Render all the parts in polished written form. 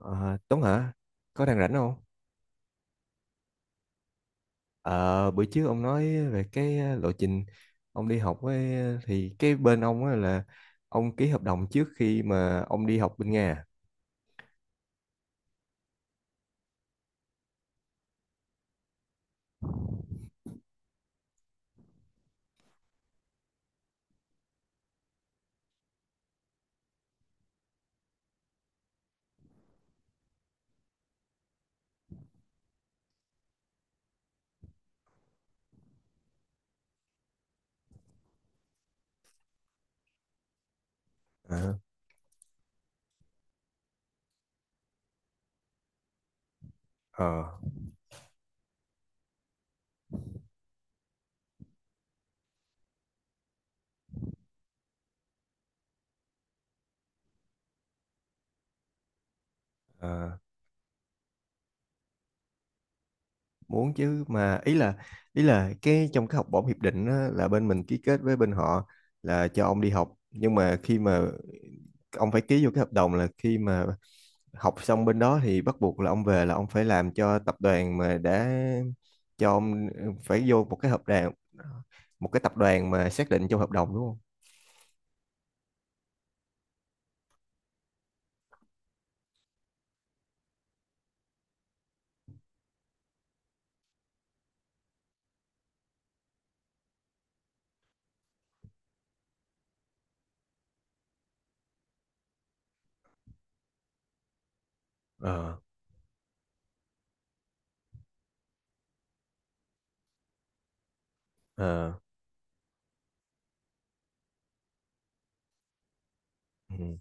Ờ, Tuấn hả? Có đang rảnh không? Ờ, bữa trước ông nói về cái lộ trình ông đi học ấy, thì cái bên ông á là ông ký hợp đồng trước khi mà ông đi học bên Nga. À? Ờ, ờ, ờ, muốn chứ mà ý là cái trong cái học bổng hiệp định á, là bên mình ký kết với bên họ, là cho ông đi học nhưng mà khi mà ông phải ký vô cái hợp đồng là khi mà học xong bên đó thì bắt buộc là ông về là ông phải làm cho tập đoàn mà đã cho ông, phải vô một cái hợp đồng, một cái tập đoàn mà xác định trong hợp đồng, đúng không? Ờ. Ờ. Ừ.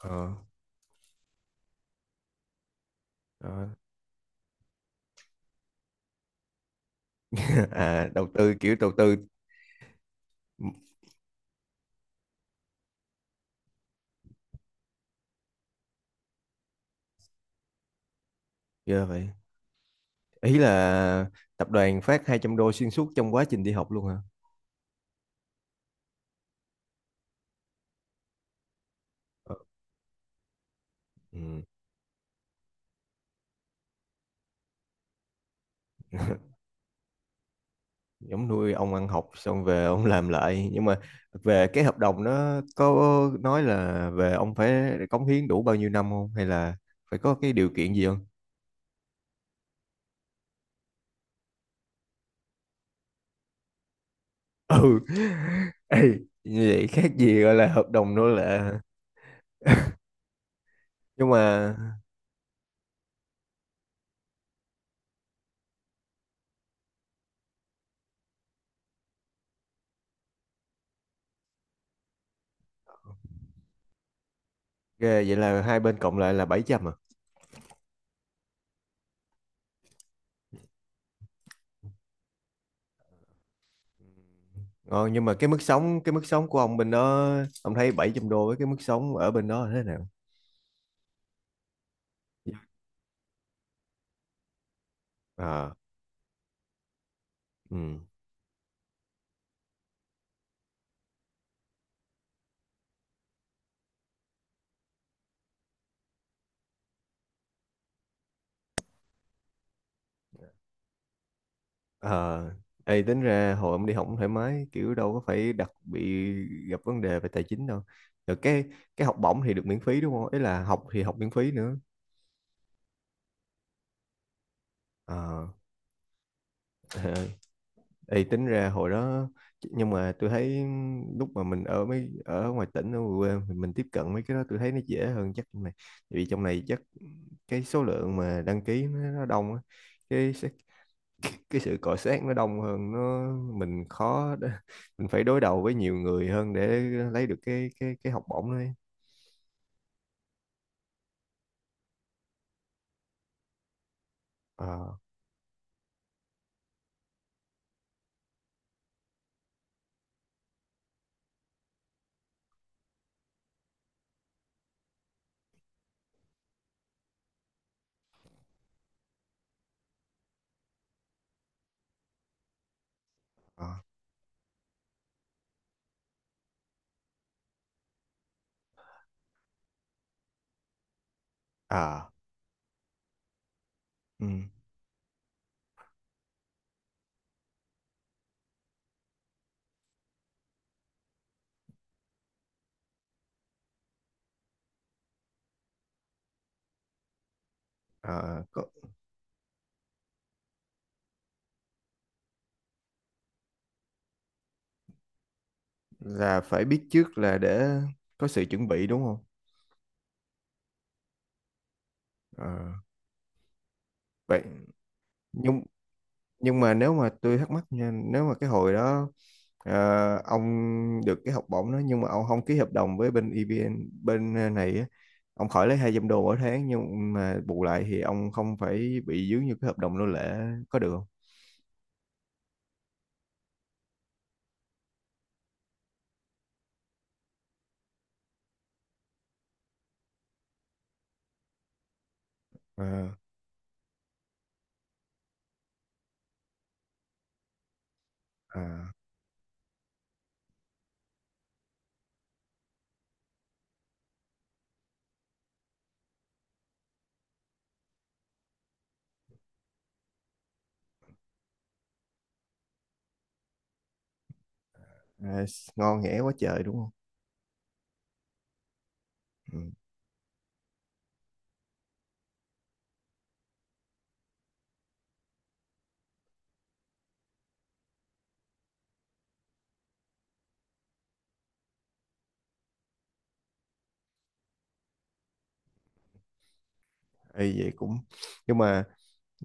Ờ. Đó. À, đầu tư kiểu đầu tư, yeah, vậy. Ý là tập đoàn phát 200 đô xuyên suốt trong quá trình đi học luôn hả? Ờ. Ừ. Giống nuôi ông ăn học xong về ông làm lại, nhưng mà về cái hợp đồng nó có nói là về ông phải cống hiến đủ bao nhiêu năm không, hay là phải có cái điều kiện gì không? Ừ. Ê, như vậy khác gì gọi là hợp đồng nữa, là nhưng mà ghê, vậy là hai bên cộng lại là 700 à? Ngon, nhưng mà cái mức sống của ông bên đó, ông thấy 700 đô với cái mức sống ở bên đó là thế nào? À. Ừ. Ờ, ê, tính ra hồi ông đi học cũng thoải mái, kiểu đâu có phải đặc bị gặp vấn đề về tài chính đâu. Rồi cái học bổng thì được miễn phí đúng không, ý là học thì học miễn phí nữa. ờ À, ê, tính ra hồi đó nhưng mà tôi thấy lúc mà mình ở mấy ở ngoài tỉnh, ở ngoài quê mình tiếp cận mấy cái đó tôi thấy nó dễ hơn, chắc trong này, tại vì trong này chắc cái số lượng mà đăng ký nó đông á, cái cái sự cọ xát nó đông hơn, nó mình khó để- mình phải đối đầu với nhiều người hơn để lấy được cái học bổng đấy. À. À. À. Ừ. À. Có, là phải biết trước là để có sự chuẩn bị đúng không? À, vậy nhưng nhưng mà nếu mà tôi thắc mắc nha, nếu mà cái hồi đó, ông được cái học bổng đó nhưng mà ông không ký hợp đồng với bên EVN, bên này á. Ông khỏi lấy 200 đô mỗi tháng nhưng mà bù lại thì ông không phải bị dướng như cái hợp đồng nô lệ, có được không? Ờ. À. À, ngon nghẻ quá trời đúng không? Ừ. Ê, vậy cũng nhưng mà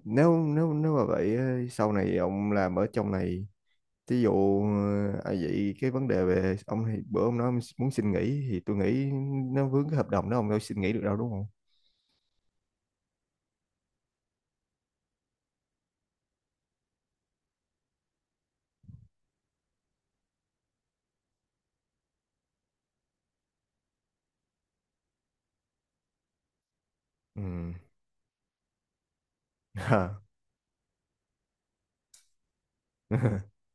nếu nếu nếu mà vậy á, sau này ông làm ở trong này, ví dụ à, vậy cái vấn đề về ông thì bữa ông nói ông muốn xin nghỉ thì tôi nghĩ nó vướng cái hợp đồng đó, ông đâu xin nghỉ được đâu đúng không? Ừ.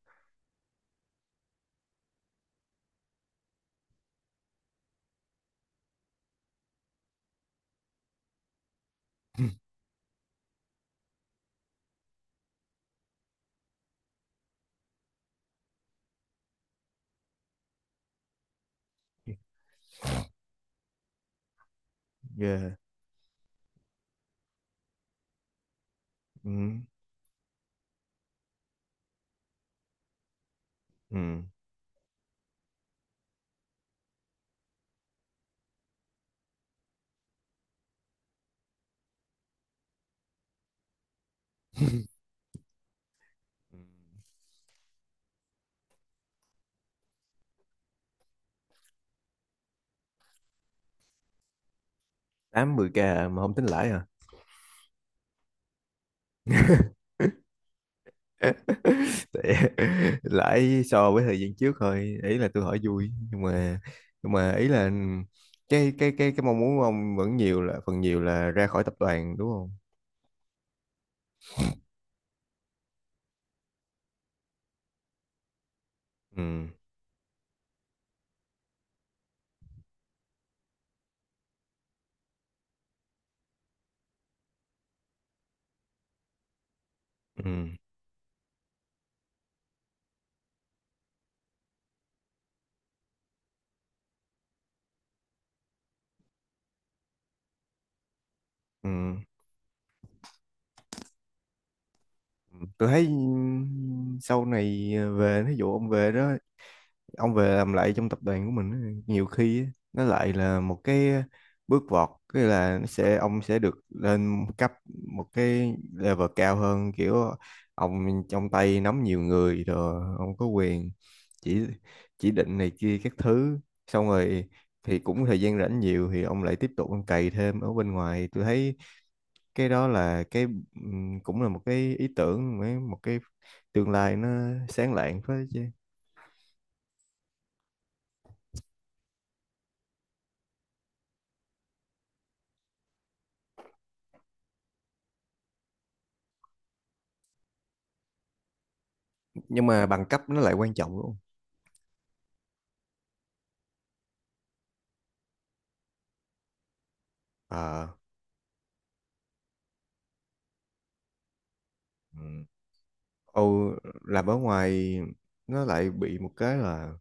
Ghê. Ừ. Ừ. 8 10K à, mà không tính lãi à? Tại- lãi so với thời gian trước thôi, ý là tôi hỏi vui nhưng mà ý là cái mong muốn của ông vẫn nhiều là phần nhiều là ra khỏi tập đoàn đúng không? Ừ. Ừ. Ừ. Tôi thấy, ừ, sau này về, ví dụ ông về đó, ông về làm lại trong tập đoàn của mình á, nhiều khi á, nó lại là một cái bước vọt, cái là nó sẽ ông sẽ được lên cấp một cái level cao hơn, kiểu ông trong tay nắm nhiều người rồi ông có quyền chỉ chỉ định này kia các thứ, xong rồi thì cũng thời gian rảnh nhiều thì ông lại tiếp tục ông cày thêm ở bên ngoài, tôi thấy cái đó là cái, cũng là một cái ý tưởng, một cái tương lai nó sáng lạng phết chứ. Nhưng mà bằng cấp nó lại quan trọng. Ờ. Ừ. Âu, làm ở ngoài nó lại bị một cái là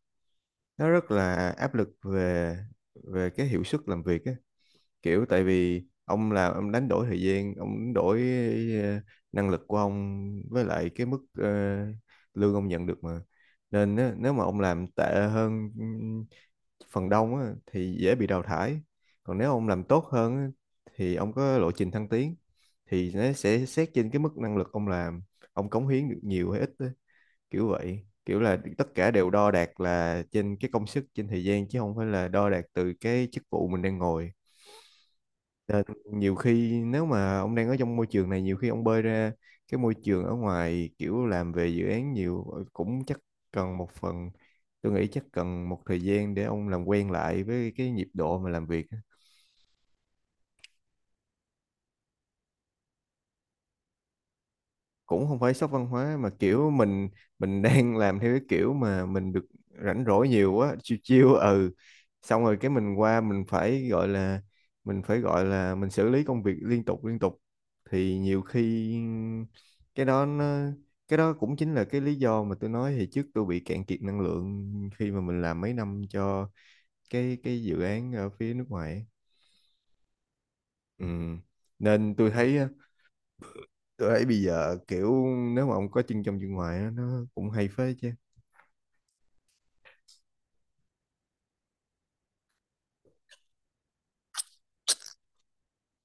nó rất là áp lực về về cái hiệu suất làm việc á. Kiểu tại vì ông làm ông đánh đổi thời gian, ông đánh đổi ờ, năng lực của ông với lại cái mức, lương ông nhận được mà. Nên á, nếu mà ông làm tệ hơn phần đông á, thì dễ bị đào thải, còn nếu ông làm tốt hơn á, thì ông có lộ trình thăng tiến, thì nó sẽ xét trên cái mức năng lực ông làm, ông cống hiến được nhiều hay ít á, kiểu vậy, kiểu là tất cả đều đo đạc là trên cái công sức, trên thời gian, chứ không phải là đo đạc từ cái chức vụ mình đang ngồi. Nên nhiều khi nếu mà ông đang ở trong môi trường này, nhiều khi ông bơi ra cái môi trường ở ngoài kiểu làm về dự án nhiều, cũng chắc cần một phần, tôi nghĩ chắc cần một thời gian để ông làm quen lại với cái nhịp độ mà làm việc. Cũng không phải sốc văn hóa, mà kiểu mình đang làm theo cái kiểu mà mình được rảnh rỗi nhiều quá, chiêu chiêu, ừ, xong rồi cái mình qua mình phải gọi là, mình phải gọi là mình xử lý công việc liên tục liên tục, thì nhiều khi cái đó nó cái đó cũng chính là cái lý do mà tôi nói thì trước tôi bị cạn kiệt năng lượng khi mà mình làm mấy năm cho cái dự án ở phía nước ngoài ấy. Ừ. Nên tôi thấy, tôi thấy bây giờ kiểu nếu mà ông có chân trong chân ngoài á, nó cũng hay phết chứ.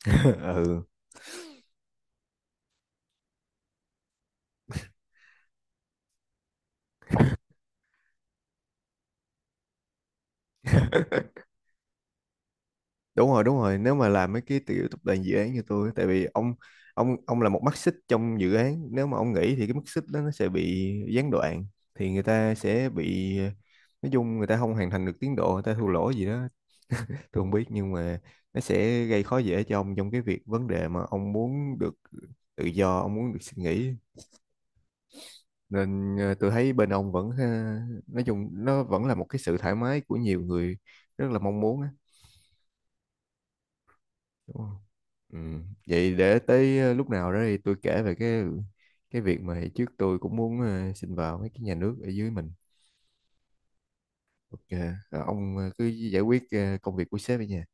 Ừ. Đúng rồi, đúng rồi, nếu mà làm mấy cái tiểu tập đoàn dự án như tôi á, tại vì ông là một mắt xích trong dự án, nếu mà ông nghỉ thì cái mắt xích đó nó sẽ bị gián đoạn, thì người ta sẽ bị, nói chung người ta không hoàn thành được tiến độ, người ta thua lỗ gì đó tôi không biết, nhưng mà nó sẽ gây khó dễ cho ông trong cái việc vấn đề mà ông muốn được tự do, ông muốn được suy nghĩ, nên tôi thấy bên ông vẫn, nói chung nó vẫn là một cái sự thoải mái của nhiều người rất là mong muốn á, đúng không? Ừ. Vậy để tới lúc nào đó thì tôi kể về cái việc mà hồi trước tôi cũng muốn xin vào mấy cái nhà nước ở dưới mình. Ok. Ông, cứ giải quyết công việc của sếp ở nhà.